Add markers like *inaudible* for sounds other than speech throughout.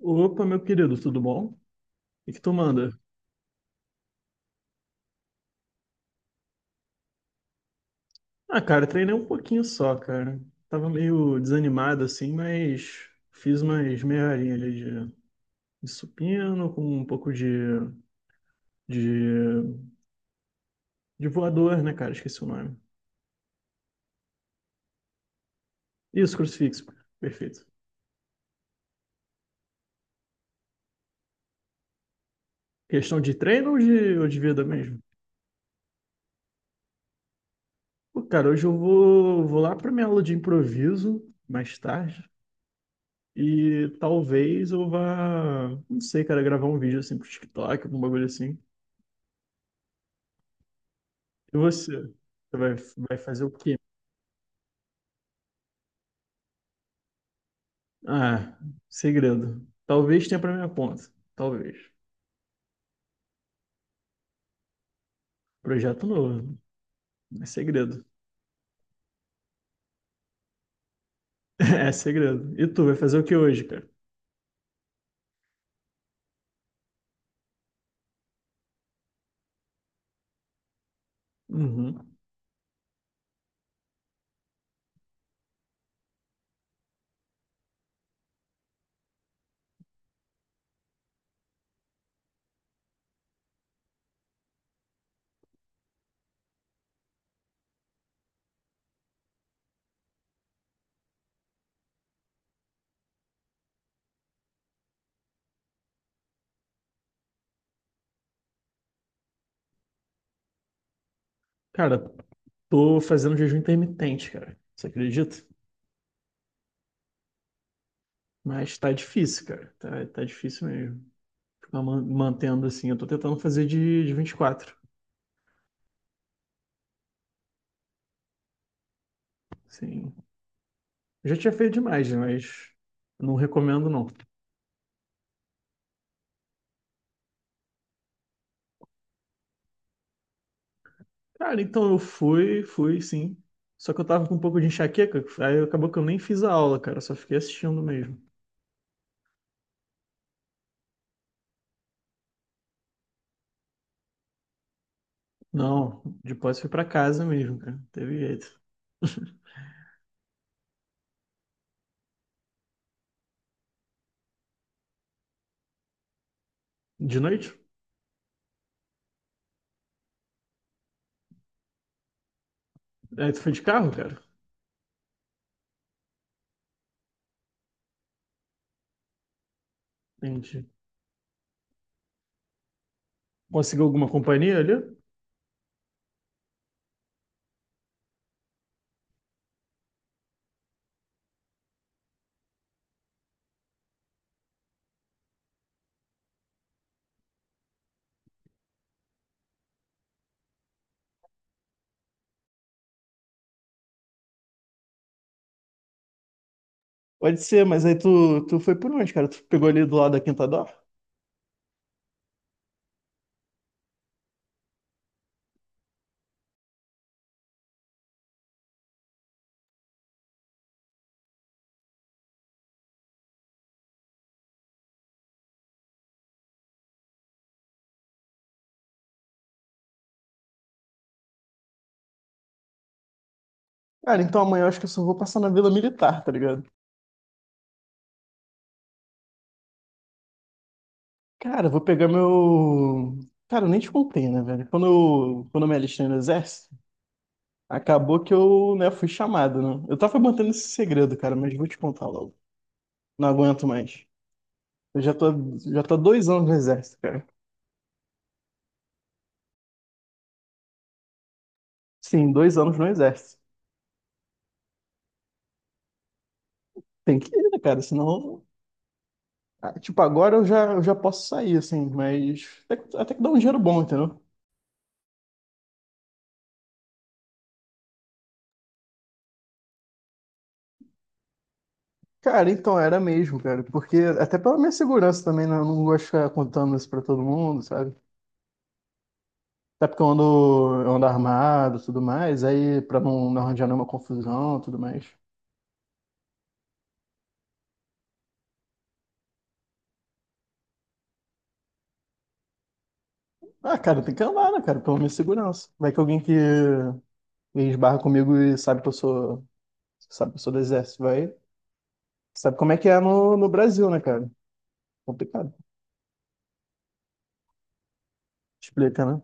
Opa, meu querido, tudo bom? O que tu manda? Ah, cara, treinei um pouquinho só, cara. Tava meio desanimado assim, mas fiz umas meia horinha ali de supino com um pouco de, de voador, né, cara? Esqueci o nome. Isso, crucifixo. Perfeito. Questão de treino ou de vida mesmo? Pô, cara, hoje vou lá pra minha aula de improviso mais tarde. E talvez eu vá, não sei, cara, gravar um vídeo assim pro TikTok, algum bagulho assim. E você? Você vai, vai fazer o quê? Ah, segredo. Talvez tenha pra minha conta. Talvez. Projeto novo. É segredo. *laughs* É segredo. E tu vai fazer o que hoje, cara? Uhum. Cara, tô fazendo jejum intermitente, cara. Você acredita? Mas tá difícil, cara. Tá difícil mesmo. Ficar mantendo assim. Eu tô tentando fazer de 24. Sim. Eu já tinha feito demais, né? Mas não recomendo, não. Cara, então fui sim. Só que eu tava com um pouco de enxaqueca, aí acabou que eu nem fiz a aula, cara, só fiquei assistindo mesmo. Não, depois fui pra casa mesmo, cara, não teve jeito. De noite? Aí tu foi de carro, cara? Entendi. Conseguiu alguma companhia ali? Pode ser, mas aí tu foi por onde, cara? Tu pegou ali do lado da Quinta Dó? Cara, então amanhã eu acho que eu só vou passar na Vila Militar, tá ligado? Cara, eu vou pegar meu. Cara, eu nem te contei, né, velho? Quando eu me alistei no exército, acabou que eu, né, fui chamado, né? Eu tava mantendo esse segredo, cara, mas vou te contar logo. Não aguento mais. Eu já tô, já tô há 2 anos no exército, cara. Sim, 2 anos no exército. Tem que ir, né, cara? Senão. Tipo, agora eu já posso sair, assim, mas até que dá um dinheiro bom, entendeu? Cara, então era mesmo, cara, porque até pela minha segurança também, né, eu não gosto de ficar contando isso pra todo mundo, sabe? Até porque eu ando armado, tudo mais, aí pra não arranjar nenhuma confusão, tudo mais. Ah, cara, tem que andar, né, cara, pela minha segurança. Vai que alguém que esbarra comigo e sabe que eu sou do exército, vai. Sabe como é que é no Brasil, né, cara? Complicado. Explica, né?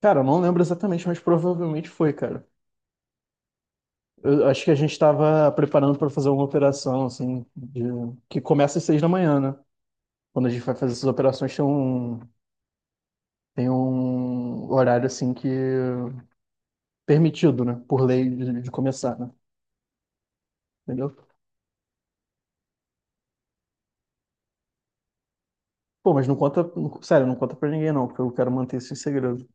Cara, eu não lembro exatamente, mas provavelmente foi, cara. Eu acho que a gente estava preparando para fazer uma operação, assim, de- que começa às 6 da manhã, né? Quando a gente vai fazer essas operações, tem um horário, assim, que permitido, né? Por lei de começar, né? Entendeu? Pô, mas não conta, sério, não conta pra ninguém, não, porque eu quero manter isso em segredo.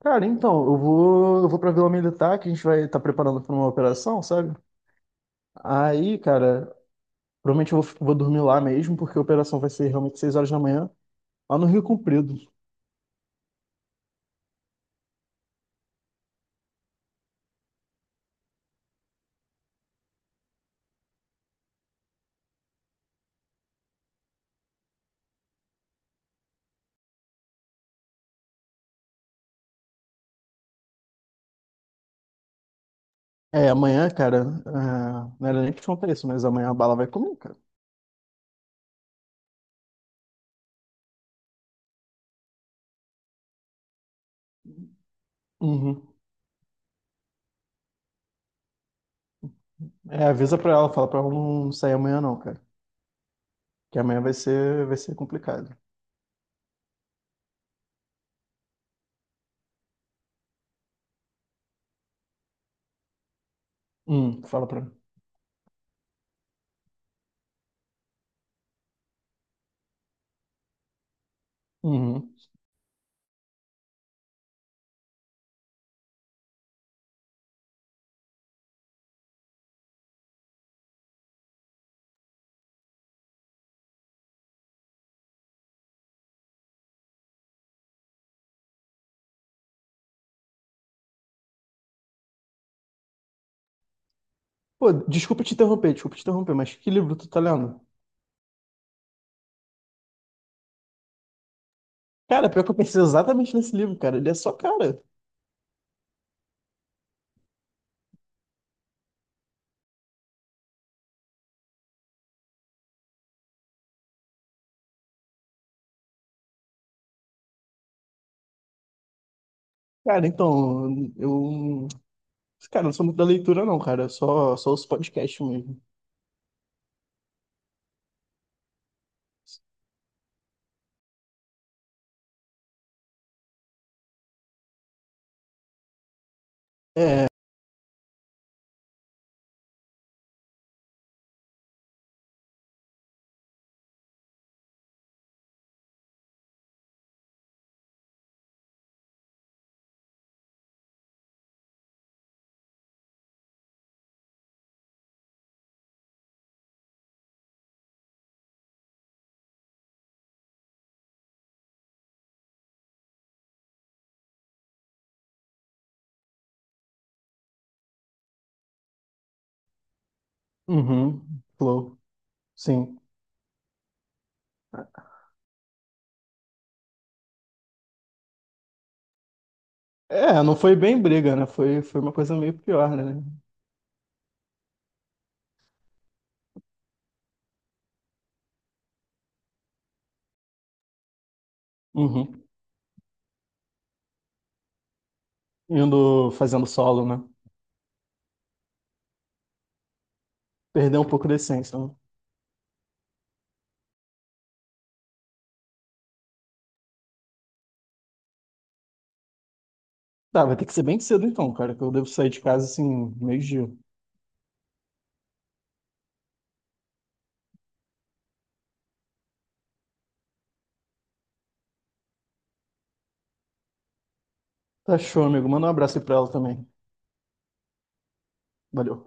Cara, então, eu vou pra Vila Militar, que a gente vai estar preparando para uma operação, sabe? Aí, cara, provavelmente vou dormir lá mesmo, porque a operação vai ser realmente 6 horas da manhã, lá no Rio Comprido. É, amanhã, cara, não era nem pra te contar isso, mas amanhã a bala vai comer, cara. Uhum. É, avisa pra ela, fala pra ela não sair amanhã não, cara. Que amanhã vai ser complicado. Fala pra ela. Uhum. Pô, desculpa te interromper, mas que livro tu tá lendo? Cara, pior que eu pensei exatamente nesse livro, cara. Ele é só cara. Cara, então, eu... Cara, não sou muito da leitura não, cara. Eu só os podcasts mesmo. É, uhum, flow, sim. É, não foi bem briga, né? Foi uma coisa meio pior, né? Uhum. Indo fazendo solo, né? Perder um pouco da essência, né? Tá, vai ter que ser bem cedo então, cara, que eu devo sair de casa assim, meio-dia. Tá show, amigo. Manda um abraço aí pra ela também. Valeu.